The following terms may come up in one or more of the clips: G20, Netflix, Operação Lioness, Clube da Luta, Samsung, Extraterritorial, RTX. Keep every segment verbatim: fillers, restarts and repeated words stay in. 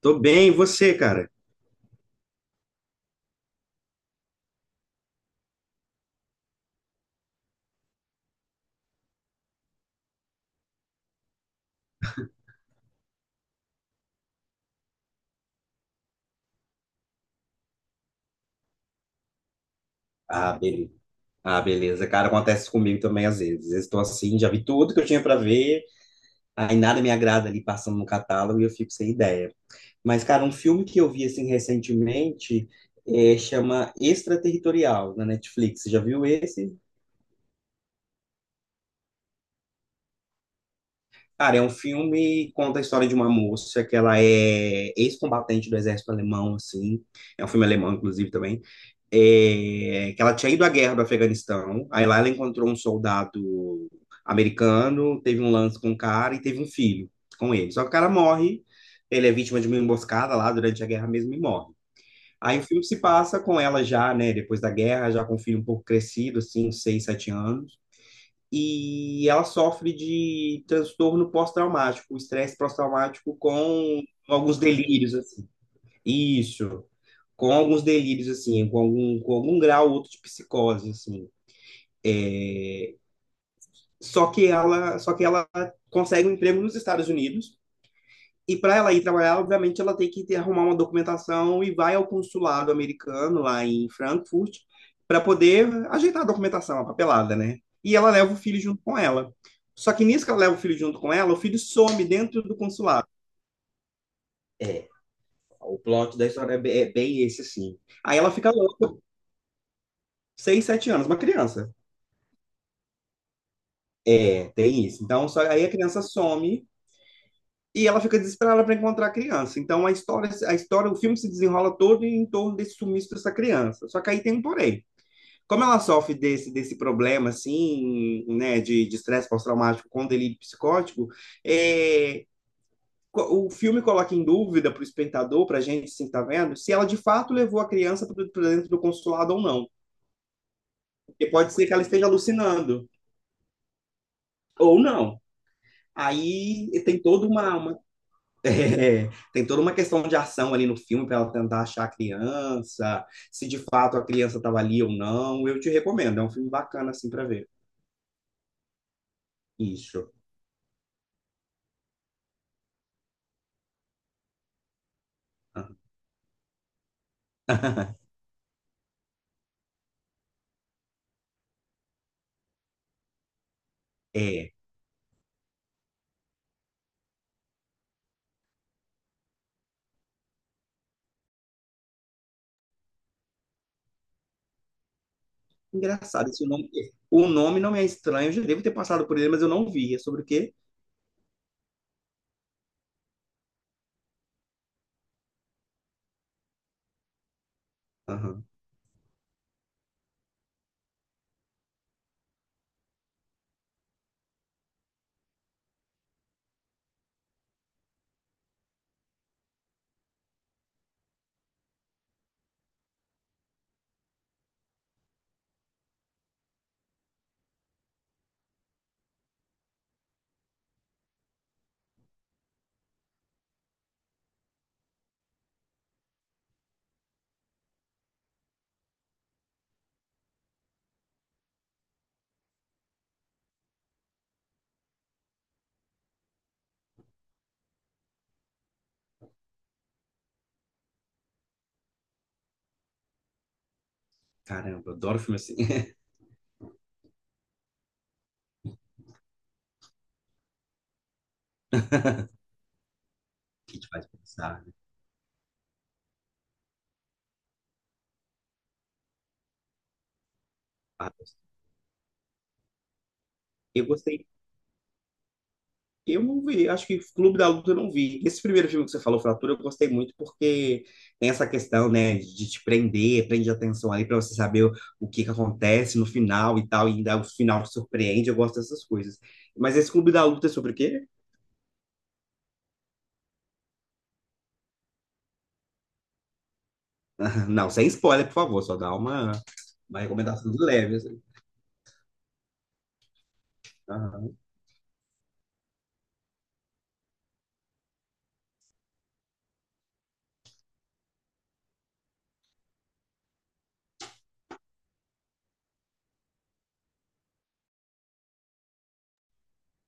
Tô bem, e você, cara? Ah, beleza. Ah, beleza. Cara, acontece comigo também às vezes. Às vezes estou assim, já vi tudo que eu tinha para ver, aí nada me agrada ali passando no catálogo e eu fico sem ideia. Mas, cara, um filme que eu vi assim recentemente é, chama Extraterritorial, na Netflix. Você já viu esse? Cara, é um filme que conta a história de uma moça que ela é ex-combatente do exército alemão, assim. É um filme alemão, inclusive, também. É, que ela tinha ido à guerra do Afeganistão, aí lá ela encontrou um soldado americano, teve um lance com o cara e teve um filho com ele. Só que o cara morre, ele é vítima de uma emboscada lá durante a guerra mesmo e morre. Aí o filme se passa com ela já, né, depois da guerra, já com o filho um pouco crescido, assim, uns seis, sete anos. E ela sofre de transtorno pós-traumático, um estresse pós-traumático com alguns delírios, assim. Isso, com alguns delírios assim, com algum, com algum grau ou outro de psicose assim. Só que ela, só que ela consegue um emprego nos Estados Unidos e para ela ir trabalhar, obviamente ela tem que ter, arrumar uma documentação e vai ao consulado americano lá em Frankfurt para poder ajeitar a documentação, a papelada, né? E ela leva o filho junto com ela. Só que nisso que ela leva o filho junto com ela, o filho some dentro do consulado. É, o plot da história é bem esse, assim. Aí ela fica louca, seis, sete anos, uma criança. É, tem isso. Então, só, aí a criança some e ela fica desesperada para encontrar a criança. Então, a história, a história, o filme se desenrola todo em torno desse sumiço dessa criança. Só que aí tem um porém. Como ela sofre desse, desse problema, assim, né, de de estresse pós-traumático com delírio psicótico, é, co- o filme coloca em dúvida para o espectador, para a gente, assim, que tá vendo, se ela de fato levou a criança para dentro do consulado ou não. Porque pode ser que ela esteja alucinando, ou não. Aí tem toda uma, uma É, tem toda uma questão de ação ali no filme para ela tentar achar a criança, se de fato a criança estava ali ou não. Eu te recomendo, é um filme bacana assim para ver. Isso. Ah, é. Engraçado, esse nome, o nome não me é estranho, eu já devo ter passado por ele, mas eu não vi. É sobre o quê? Aham. Caramba, eu adoro filme assim. Que te faz pensar, né? Ah, eu gostei. Eu não vi, acho que Clube da Luta eu não vi. Esse primeiro filme que você falou, Fratura, eu gostei muito porque tem essa questão, né, de te prender, prende a atenção ali para você saber o, o que que acontece no final e tal, e ainda o final te surpreende, eu gosto dessas coisas. Mas esse Clube da Luta é sobre o quê? Não, sem spoiler, por favor, só dá uma, uma recomendação de leve, assim. Aham,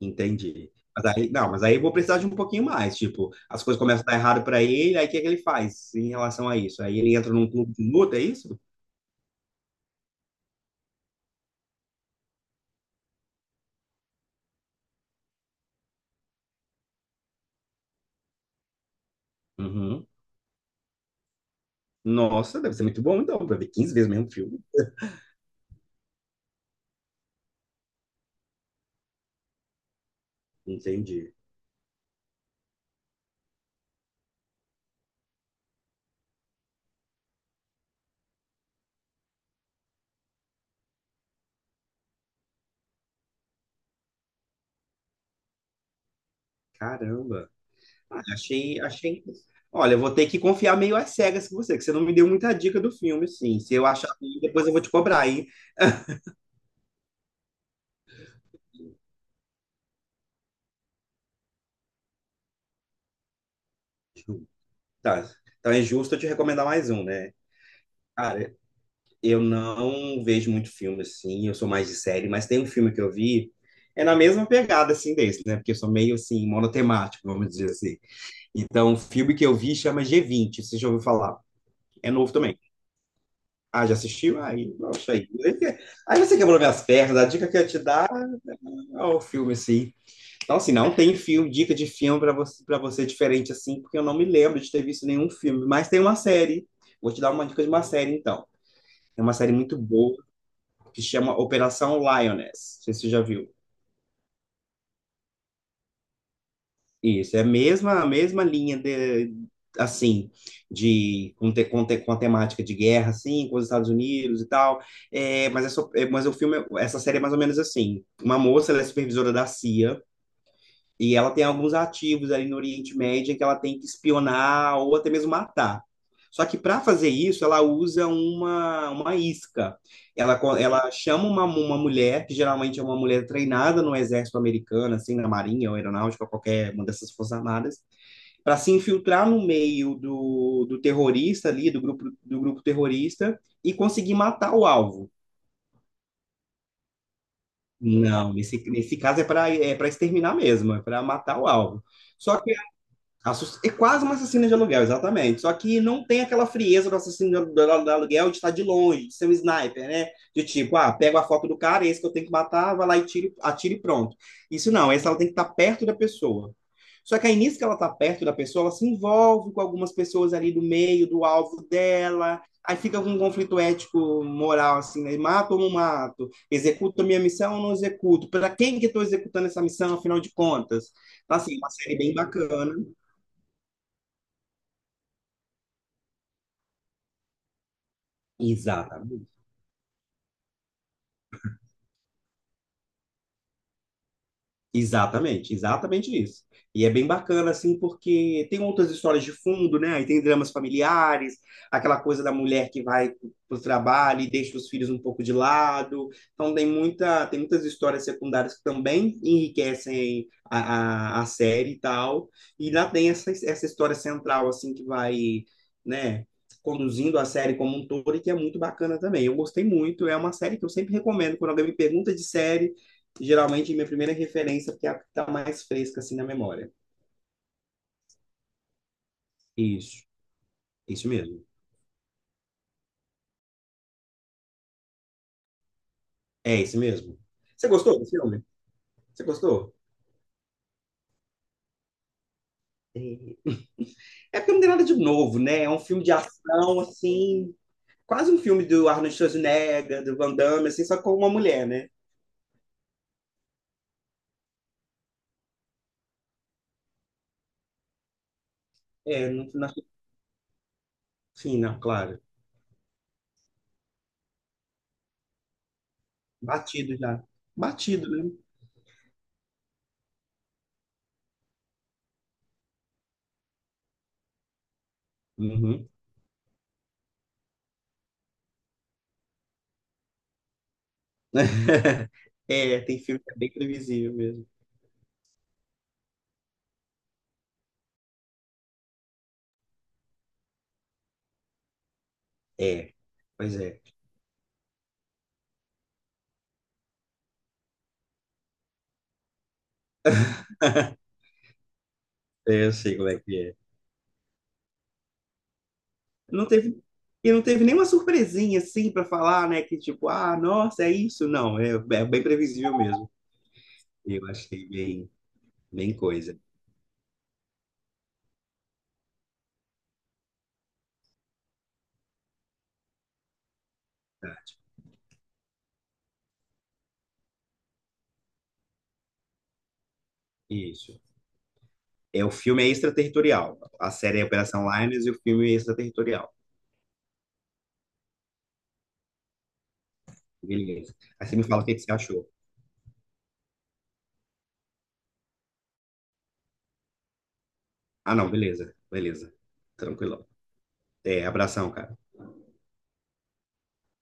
entendi. Mas aí, não, mas aí eu vou precisar de um pouquinho mais, tipo, as coisas começam a dar errado para ele, aí o que é que ele faz em relação a isso? Aí ele entra num clube de luta, é isso? Uhum. Nossa, deve ser muito bom então, pra ver quinze vezes o mesmo filme. Entendi. Caramba. Ah, achei, achei. Olha, eu vou ter que confiar meio às cegas com você, que você não me deu muita dica do filme, sim. Se eu achar ruim, depois eu vou te cobrar, hein? Tá. Então é justo eu te recomendar mais um, né? Cara, eu não vejo muito filme assim, eu sou mais de série, mas tem um filme que eu vi, é na mesma pegada assim desse, né? Porque eu sou meio assim, monotemático, vamos dizer assim. Então, o filme que eu vi chama G vinte, você já ouviu falar? É novo também. Ah, já assistiu? Aí, poxa, aí. Aí você quebrou minhas pernas. A dica que eu ia te dar é o filme, assim. Então, assim, não tem filme, dica de filme para você, para você diferente, assim, porque eu não me lembro de ter visto nenhum filme. Mas tem uma série. Vou te dar uma dica de uma série, então. É uma série muito boa que chama Operação Lioness. Não sei se você já viu. Isso, é a mesma, a mesma linha de, assim, de com, te, com, te, com a temática de guerra, assim, com os Estados Unidos e tal. É, mas, é só- é, mas o filme, essa série é mais ou menos assim. Uma moça, ela é supervisora da C I A, e ela tem alguns ativos ali no Oriente Médio em que ela tem que espionar ou até mesmo matar. Só que para fazer isso, ela usa uma, uma isca. Ela, co- ela chama uma, uma mulher, que geralmente é uma mulher treinada no exército americano, assim, na marinha ou aeronáutica, qualquer uma dessas forças armadas, para se infiltrar no meio do, do terrorista ali, do grupo, do grupo terrorista, e conseguir matar o alvo. Não, nesse, nesse caso é para é para exterminar mesmo, é para matar o alvo. Só Assass- é quase um assassino de aluguel, exatamente. Só que não tem aquela frieza do assassino de alu- do- aluguel de estar de longe, de ser um sniper, né? De tipo, ah, pego a foto do cara, é esse que eu tenho que matar, vai lá e tiro, atira e pronto. Isso não, essa ela tem que estar perto da pessoa. Só que aí nisso que ela está perto da pessoa, ela se envolve com algumas pessoas ali do meio, do alvo dela. Aí fica com um conflito ético, moral, assim, né? Mato ou não mato? Executo a minha missão ou não executo? Para quem que estou executando essa missão, afinal de contas? Então, assim, uma série bem bacana. Exatamente, exatamente, exatamente isso. E é bem bacana, assim, porque tem outras histórias de fundo, né? Aí tem dramas familiares, aquela coisa da mulher que vai para o trabalho e deixa os filhos um pouco de lado. Então tem muita, tem muitas histórias secundárias que também enriquecem a, a, a série e tal. E lá tem essa, essa história central, assim, que vai, né? Conduzindo a série como um todo e que é muito bacana também. Eu gostei muito, é uma série que eu sempre recomendo. Quando alguém me pergunta de série, geralmente minha primeira referência, porque é a que está mais fresca assim na memória. Isso, isso mesmo. É isso mesmo. Você gostou do filme? Você gostou? É. É porque não tem nada de novo, né? É um filme de ação, assim, quase um filme do Arnold Schwarzenegger, do Van Damme, assim, só com uma mulher, né? É, no final, sim, não, claro. Batido já. Batido, né? Uhum. É, tem filme que é bem previsível mesmo. É, pois é. É, eu sei como é que é. Não teve, e não teve nenhuma surpresinha assim para falar, né? Que tipo, ah, nossa, é isso. Não, é, é bem previsível mesmo. Eu achei bem, bem coisa. Tá, isso. É, o filme é extraterritorial. A série é Operação Linus e o filme é extraterritorial. Beleza. Aí você me fala o que que você achou. Ah, não, beleza, beleza. Tranquilão. É, abração, cara.